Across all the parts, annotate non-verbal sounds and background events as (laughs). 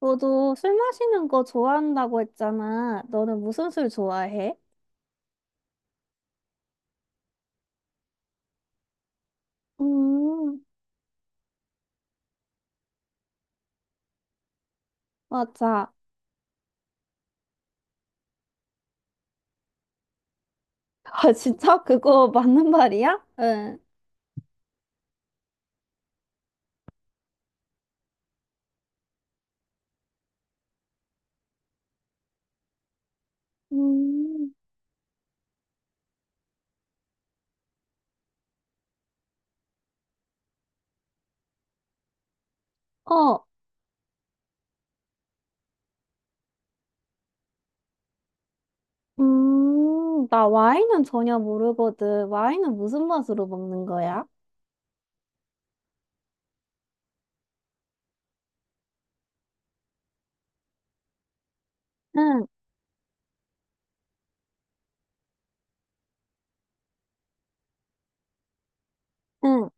너도 술 마시는 거 좋아한다고 했잖아. 너는 무슨 술 좋아해? 음, 맞아. (laughs) 아, 진짜? 그거 맞는 말이야? 응. 음, 어, 나 와인은 전혀 모르거든. 와인은 무슨 맛으로 먹는 거야? 응, 응,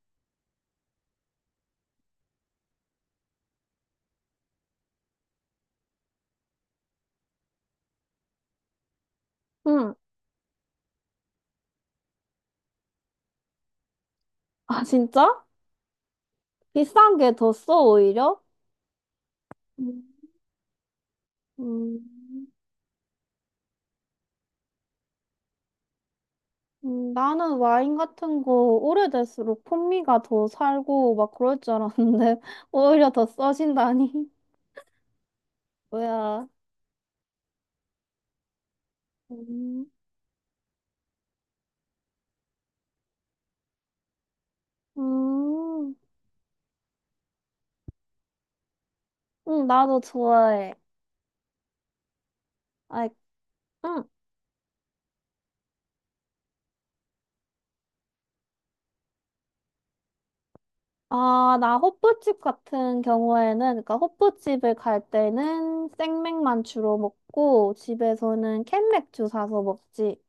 응. 아, 진짜? 비싼 게 더 써, 오히려? 음, 음. 나는 와인 같은 거 오래될수록 풍미가 더 살고 막 그럴 줄 알았는데 (laughs) 오히려 더 써진다니 (laughs) 뭐야. 음, 음, 나도 좋아해. 아이, 음. 나 호프집 같은 경우에는 그러니까 호프집을 갈 때는 생맥만 주로 먹고 집에서는 캔맥주 사서 먹지.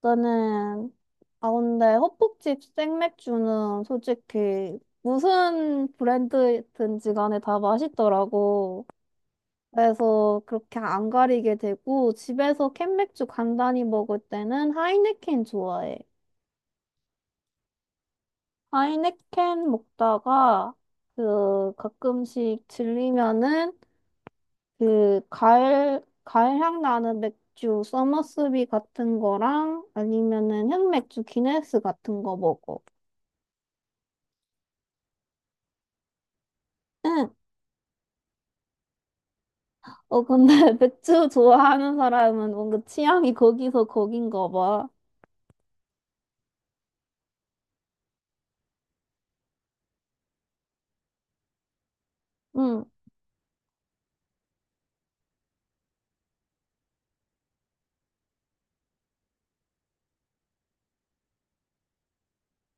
너는? 아, 근데 헛국집 생맥주는 솔직히 무슨 브랜드든지 간에 다 맛있더라고. 그래서 그렇게 안 가리게 되고 집에서 캔맥주 간단히 먹을 때는 하이네켄 좋아해. 하이네켄 먹다가 그 가끔씩 질리면은 그 가을 향 나는 맥주 서머스비 같은 거랑 아니면은 흑맥주 기네스 같은 거 먹어. 응. 어, 근데 (laughs) 맥주 좋아하는 사람은 뭔가 취향이 거기서 거긴가 봐. 응,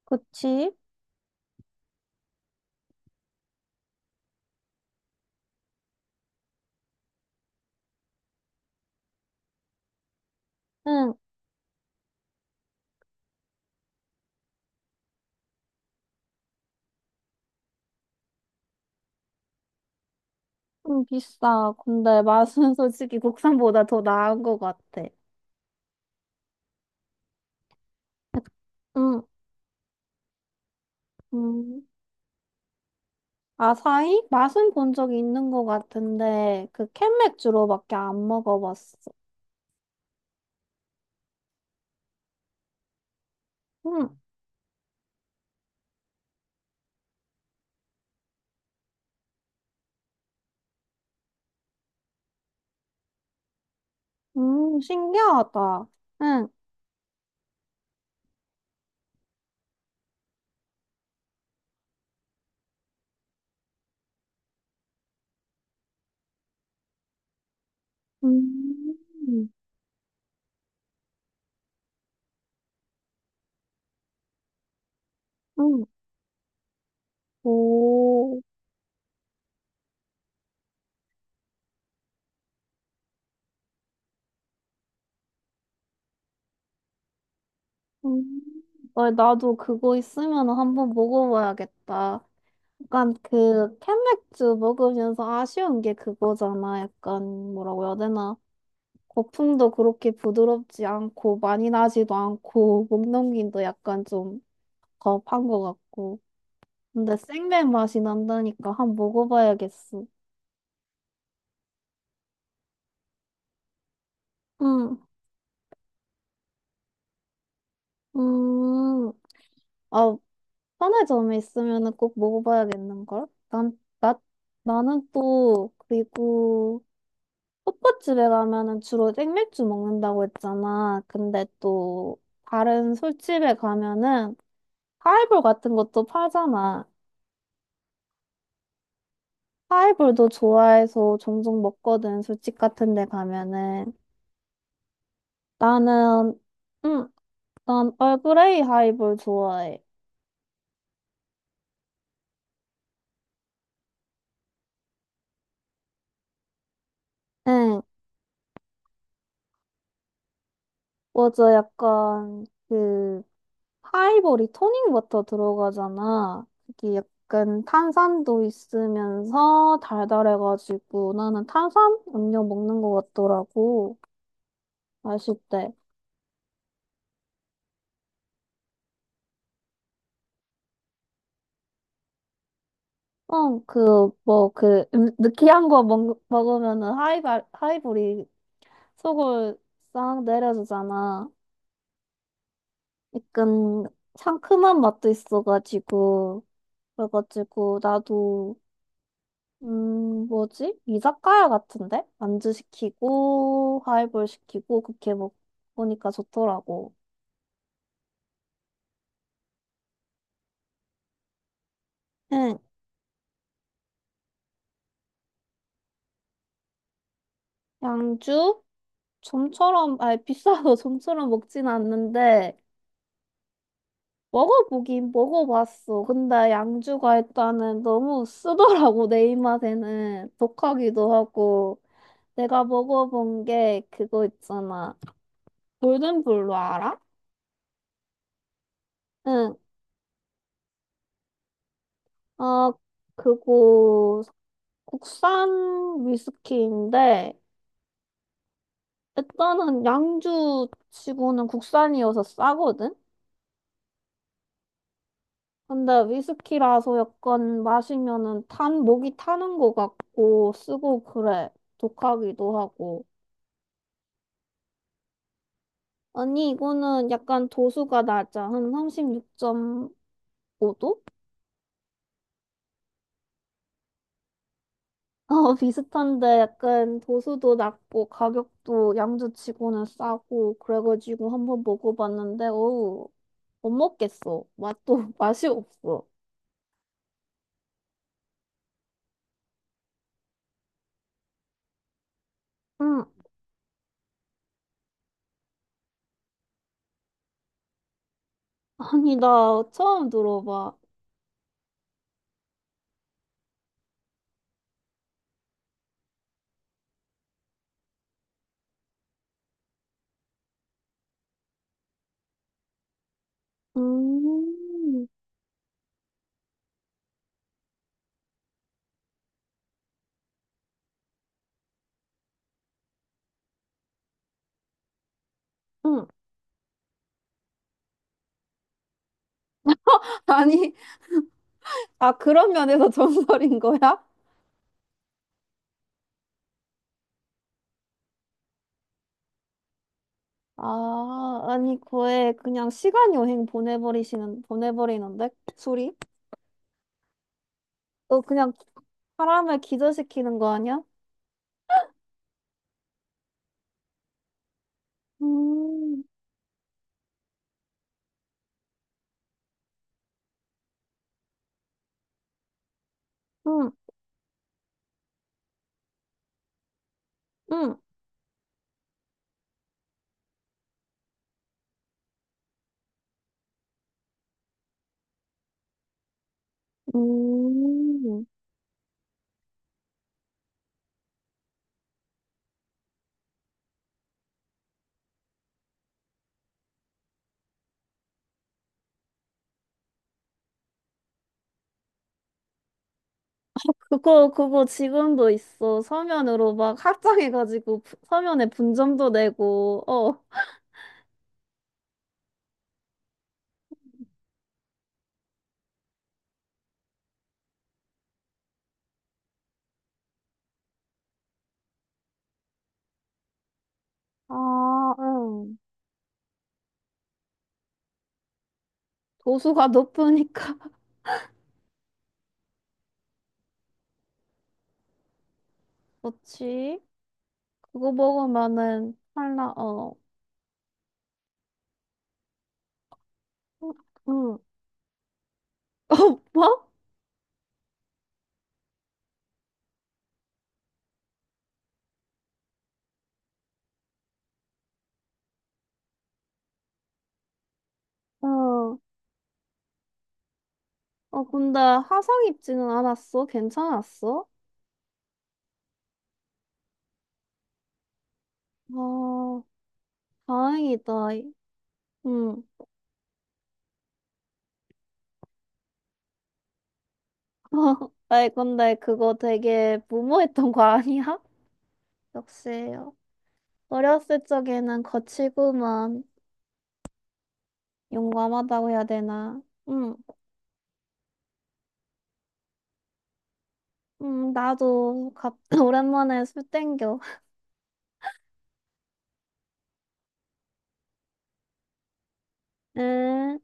그치? 응, 좀 비싸. 근데 맛은 (laughs) 솔직히 국산보다 더 나은 것 같아. 응, 응. 아사히? 맛은 본 적이 있는 것 같은데, 그 캔 맥주로밖에 안 먹어봤어. 응, 신기하다. 응, 음, 응, 오. 음. 어, 나도 그거 있으면 한번 먹어봐야겠다. 약간 그 캔맥주 먹으면서 아쉬운 게 그거잖아. 약간 뭐라고 해야 되나? 거품도 그렇게 부드럽지 않고 많이 나지도 않고 목 넘김도 약간 좀 겁한 것 같고. 근데 생맥 맛이 난다니까 한번 먹어봐야겠어. 음, 음, 아, 편의점에 있으면은 꼭 먹어봐야겠는걸? 나는 또, 그리고, 호빠 집에 가면은 주로 생맥주 먹는다고 했잖아. 근데 또 다른 술집에 가면은 하이볼 같은 것도 팔잖아. 하이볼도 좋아해서 종종 먹거든. 술집 같은 데 가면은. 나는, 응, 난 얼그레이 하이볼 좋아해. 응, 맞아. 약간 그 파이볼이 토닉워터 들어가잖아. 이게 약간 탄산도 있으면서 달달해가지고 나는 탄산 음료 먹는 것 같더라고. 마실 때. 응, 그, 뭐, 그, 느끼한 거 먹으면은 하이볼이 속을 싹 내려주잖아. 약간 상큼한 맛도 있어가지고. 그래가지고 나도 뭐지? 이자카야 같은데? 안주 시키고, 하이볼 시키고, 그렇게 먹보니까 좋더라고. 응. 양주? 좀처럼, 아니, 비싸도 (laughs) 좀처럼 먹진 않는데, 먹어보긴 먹어봤어. 근데 양주가 일단은 너무 쓰더라고, 내 입맛에는. 독하기도 하고. 내가 먹어본 게 그거 있잖아. 골든블루 알아? 응. 아, 그거 국산 위스키인데, 일단은 양주 치고는 국산이어서 싸거든? 근데 위스키라서 약간 마시면은 목이 타는 것 같고, 쓰고 그래. 독하기도 하고. 아니, 이거는 약간 도수가 낮아. 한 36.5도? 어, 비슷한데 약간 도수도 낮고 가격도 양주치고는 싸고 그래가지고 한번 먹어봤는데 어우 못 먹겠어. 맛도 (laughs) 맛이 없어. 응, 아니 나 처음 들어봐. 음, 응. (laughs) 아니, 아 그런 면에서 전설인 거야? 아, 아니 거에 그냥 시간 여행 보내버리시는 보내버리는데 술이? 어 그냥 사람을 기절시키는 거 아니야? 음, 응, 응. 음, 그거 지금도 있어. 서면으로 막 확장해가지고 서면에 분점도 내고, 어, 아, 응. 도수가 높으니까. (laughs) 그렇지? 그거 먹으면은 탈라 어. 응, 응. (laughs) 어, 뭐? 응. 어, 근데 화상 입지는 않았어? 괜찮았어? 아, 다행이다. 응. (laughs) 아이, 근데 그거 되게 무모했던 거 아니야? (laughs) 역시. 어렸을 적에는 거칠구만. 용감하다고 해야 되나? 응, 응, 나도 (laughs) (clears throat) 오랜만에 술 땡겨. 응.